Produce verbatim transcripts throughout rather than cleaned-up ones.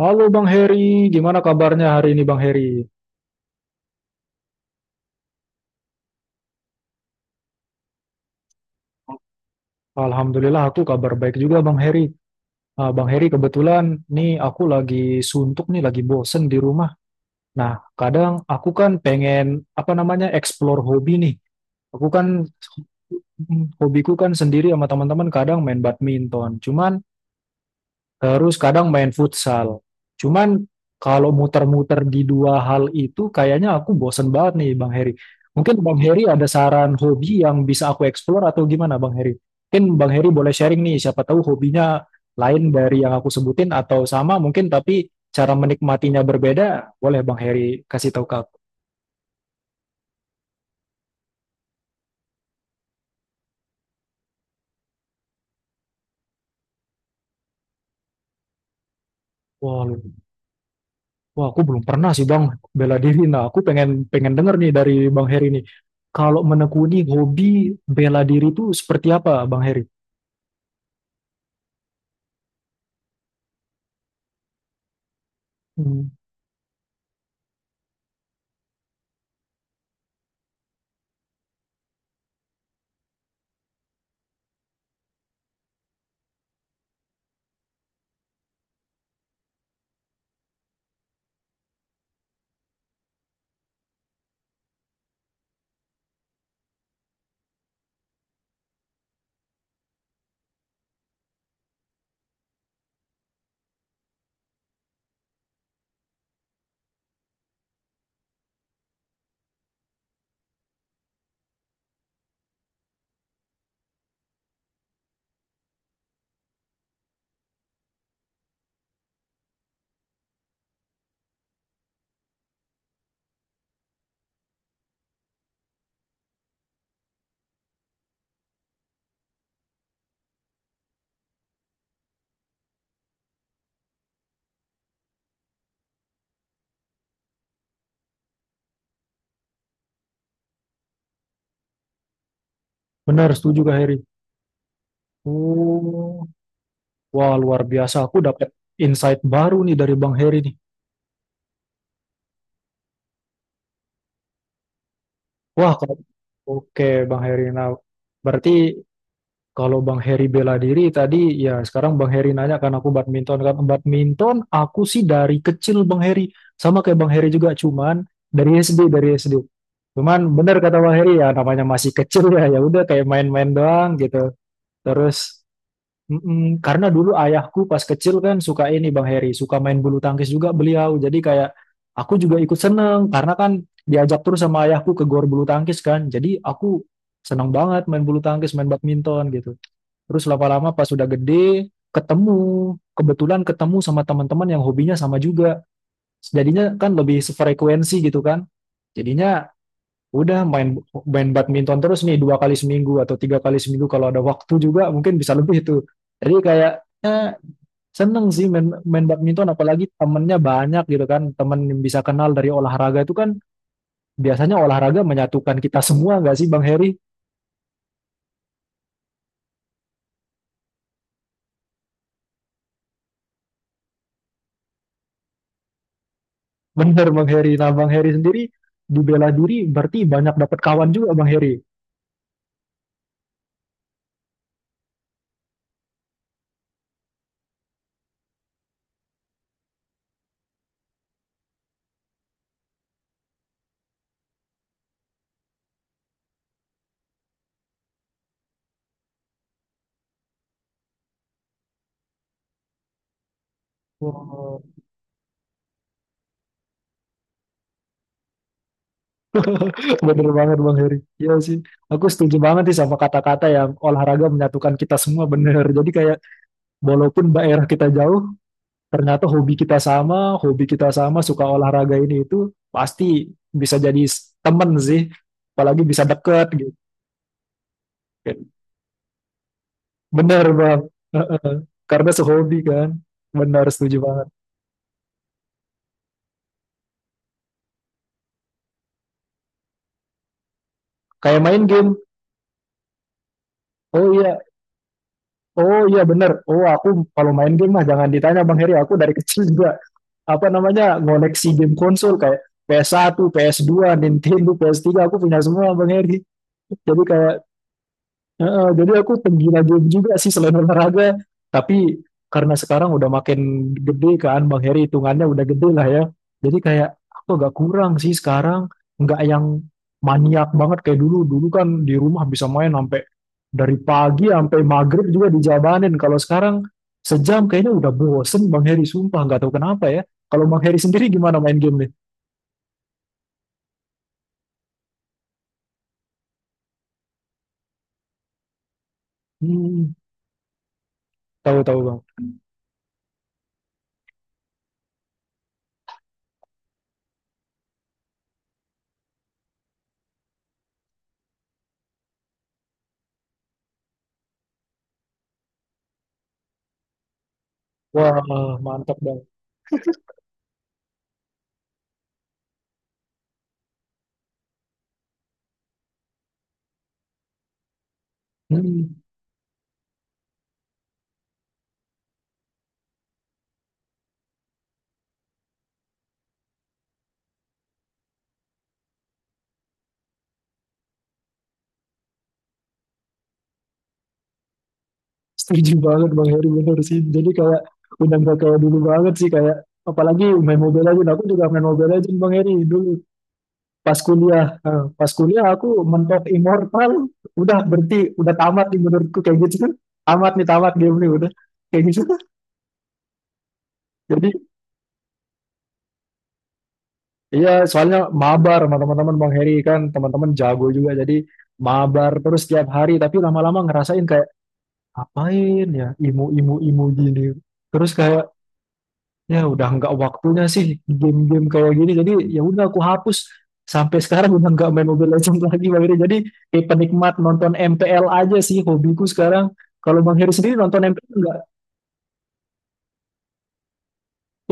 Halo Bang Heri, gimana kabarnya hari ini Bang Heri? Alhamdulillah aku kabar baik juga Bang Heri. Ah, Bang Heri, kebetulan nih aku lagi suntuk nih, lagi bosen di rumah. Nah, kadang aku kan pengen apa namanya explore hobi nih. Aku kan mm, Hobiku kan sendiri sama teman-teman kadang main badminton. Cuman Terus kadang main futsal. Cuman kalau muter-muter di dua hal itu kayaknya aku bosen banget nih Bang Heri. Mungkin Bang Heri ada saran hobi yang bisa aku explore atau gimana Bang Heri? Mungkin Bang Heri boleh sharing nih, siapa tahu hobinya lain dari yang aku sebutin atau sama mungkin tapi cara menikmatinya berbeda. Boleh Bang Heri kasih tahu ke aku. Wah, lu- Wah, aku belum pernah sih Bang, bela diri. Nah, aku pengen pengen denger nih dari Bang Heri nih. Kalau menekuni hobi bela diri itu seperti apa Bang Heri? Hmm. Benar, setuju Kak Heri. Oh, wah luar biasa. Aku dapat insight baru nih dari Bang Heri nih. Wah, kalau oke Bang Heri. Nah, berarti kalau Bang Heri bela diri tadi, ya sekarang Bang Heri nanya kan aku badminton kan. Badminton aku sih dari kecil Bang Heri. Sama kayak Bang Heri juga, cuman dari S D, dari S D. Cuman benar kata Bang Heri, ya namanya masih kecil ya, ya udah kayak main-main doang gitu. Terus Mm-mm, karena dulu ayahku pas kecil kan suka ini Bang Heri, suka main bulu tangkis juga beliau. Jadi kayak aku juga ikut seneng karena kan diajak terus sama ayahku ke gor bulu tangkis kan. Jadi aku seneng banget main bulu tangkis, main badminton gitu. Terus lama-lama pas sudah gede ketemu, kebetulan ketemu sama teman-teman yang hobinya sama juga. Jadinya kan lebih sefrekuensi gitu kan. Jadinya Udah main main badminton terus nih dua kali seminggu atau tiga kali seminggu, kalau ada waktu juga mungkin bisa lebih itu. Jadi kayaknya seneng sih main, main badminton apalagi temennya banyak gitu kan. Temen yang bisa kenal dari olahraga itu kan biasanya olahraga menyatukan kita semua nggak sih Bang Heri? Bener Bang Heri. Nah Bang Heri sendiri di bela diri berarti banyak dapat kawan juga Bang Heri. Wow. Bener banget Bang Heri. Iya sih, aku setuju banget sih sama kata-kata yang olahraga menyatukan kita semua, bener. Jadi kayak walaupun daerah kita jauh, ternyata hobi kita sama, hobi kita sama, suka olahraga ini itu pasti bisa jadi s- temen sih, apalagi bisa deket gitu. Bener Bang. Heeh. Karena sehobi kan. Bener, setuju banget. Kayak main game, oh iya, oh iya bener, oh aku kalau main game mah jangan ditanya Bang Heri, aku dari kecil juga apa namanya ngoleksi game konsol kayak P S satu, P S dua, Nintendo, P S tiga, aku punya semua Bang Heri. Jadi kayak heeh, jadi aku penggila game juga sih selain olahraga. Tapi karena sekarang udah makin gede kan Bang Heri, hitungannya udah gede lah ya. Jadi kayak aku agak kurang sih sekarang. Nggak yang maniak banget kayak dulu. Dulu kan di rumah bisa main sampai dari pagi sampai maghrib juga dijabanin. Kalau sekarang sejam kayaknya udah bosen Bang Heri. Sumpah nggak tahu kenapa ya. Kalau Bang Heri sendiri gimana main game nih? Hmm, tahu-tahu Bang. Wah, mantap Bang. Hmm. Setuju banget Bang Heri, bener sih. Jadi kayak udah nggak kayak dulu banget sih kayak, apalagi main Mobile Legends. Aku juga main Mobile Legends Bang Heri dulu pas kuliah. Nah, pas kuliah aku mentok Immortal, udah berhenti, udah tamat nih menurutku kayak gitu kan. Tamat nih, tamat game nih udah, kayak gitu kan. Jadi iya, soalnya mabar sama teman-teman Bang Heri, kan teman-teman jago juga jadi mabar terus tiap hari, tapi lama-lama ngerasain kayak apain ya, imu imu imu gini. Terus kayak ya udah nggak waktunya sih game-game kayak gini, jadi ya udah aku hapus, sampai sekarang udah nggak main Mobile Legends lagi Bang Heri. Jadi kayak penikmat nonton M P L aja sih hobiku sekarang. Kalau Bang Heri sendiri nonton M P L nggak?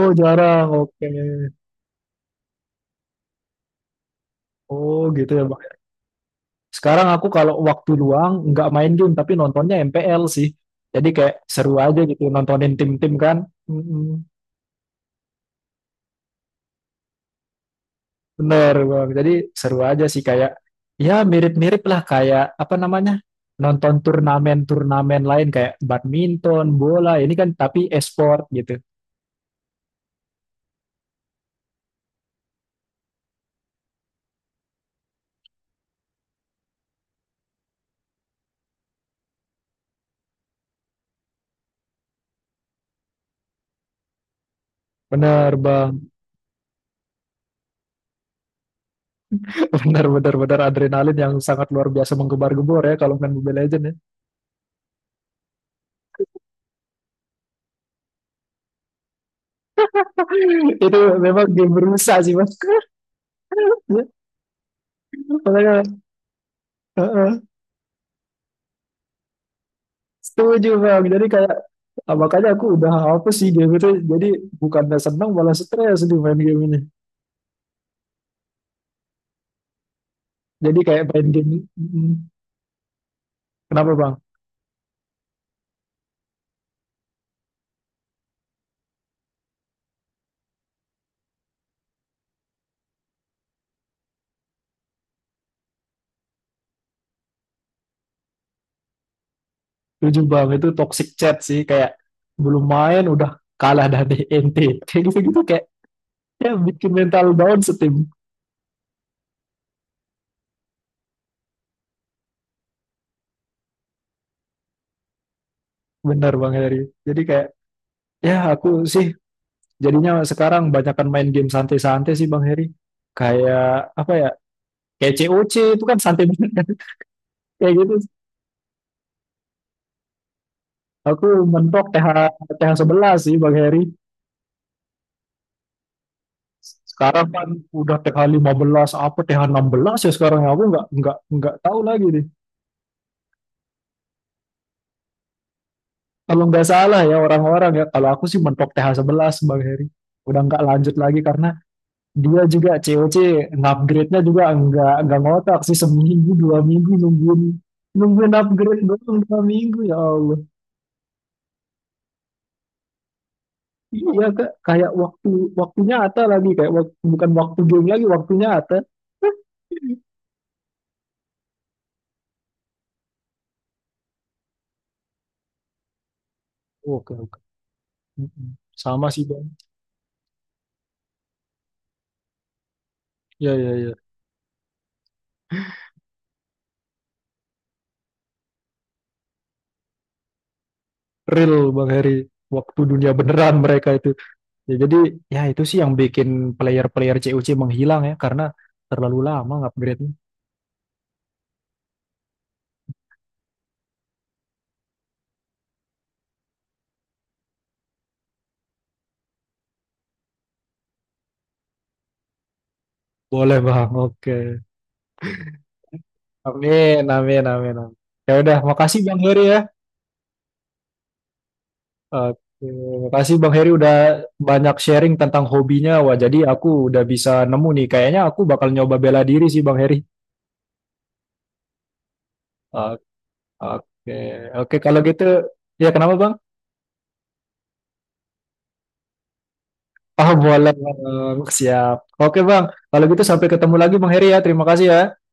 Oh jarang, oke. Oh gitu ya Bang. Sekarang aku kalau waktu luang nggak main game tapi nontonnya M P L sih. Jadi kayak seru aja gitu nontonin tim-tim kan. Mm-mm. Bener, Bang. Jadi seru aja sih kayak ya mirip-mirip lah kayak apa namanya? Nonton turnamen-turnamen lain kayak badminton, bola, ini kan, tapi e-sport gitu. Bener, Bang. Bener, bener, bener, adrenalin yang sangat luar biasa menggembar-gembor ya kalau main Mobile Legends ya. Itu memang game berusaha sih, Bang. Ya. Makanya, heeh. Setuju Bang, jadi kayak ah, makanya aku udah apa sih game itu, jadi bukannya senang malah stres di main game ini. Jadi kayak main game, Mm, kenapa Bang? Tujuh Bang, itu toxic chat sih kayak belum main udah kalah dari N T. Kayak gitu-gitu kayak ya bikin mental down setim. Benar Bang Heri. Jadi kayak ya aku sih jadinya sekarang banyakkan main game santai-santai sih Bang Heri. Kayak apa ya? Kayak C O C itu kan santai banget kan. Kayak gitu. Aku mentok T H T H sebelas sih Bang Heri. Sekarang kan udah T H lima belas apa T H enam belas ya sekarang ya? Aku nggak nggak nggak tahu lagi nih. Kalau nggak salah ya orang-orang ya, kalau aku sih mentok T H sebelas Bang Heri. Udah nggak lanjut lagi karena dia juga C O C upgrade-nya juga nggak nggak ngotak sih, seminggu dua minggu nungguin nungguin upgrade doang dua minggu ya Allah. Iya Kak, kayak waktu waktunya Ata lagi kayak wak- bukan waktu game lagi, waktunya Ata. Oke, oke. Mm-mm. Sama sih Bang. Ya, ya, ya. Real Bang Heri. Waktu dunia beneran mereka itu. Ya, jadi ya itu sih yang bikin player-player C U C menghilang ya karena terlalu lama upgrade. Boleh Bang, oke. Amin, amin, amin. Amin. Ya udah, makasih Bang Heri ya. Oke, makasih Bang Heri udah banyak sharing tentang hobinya. Wah, jadi aku udah bisa nemu nih. Kayaknya aku bakal nyoba bela diri sih Bang Heri. Oke, oke, oke, kalau gitu. Ya, kenapa Bang? Ah boleh Bang, siap. Oke Bang, kalau gitu sampai ketemu lagi Bang Heri ya. Terima kasih ya.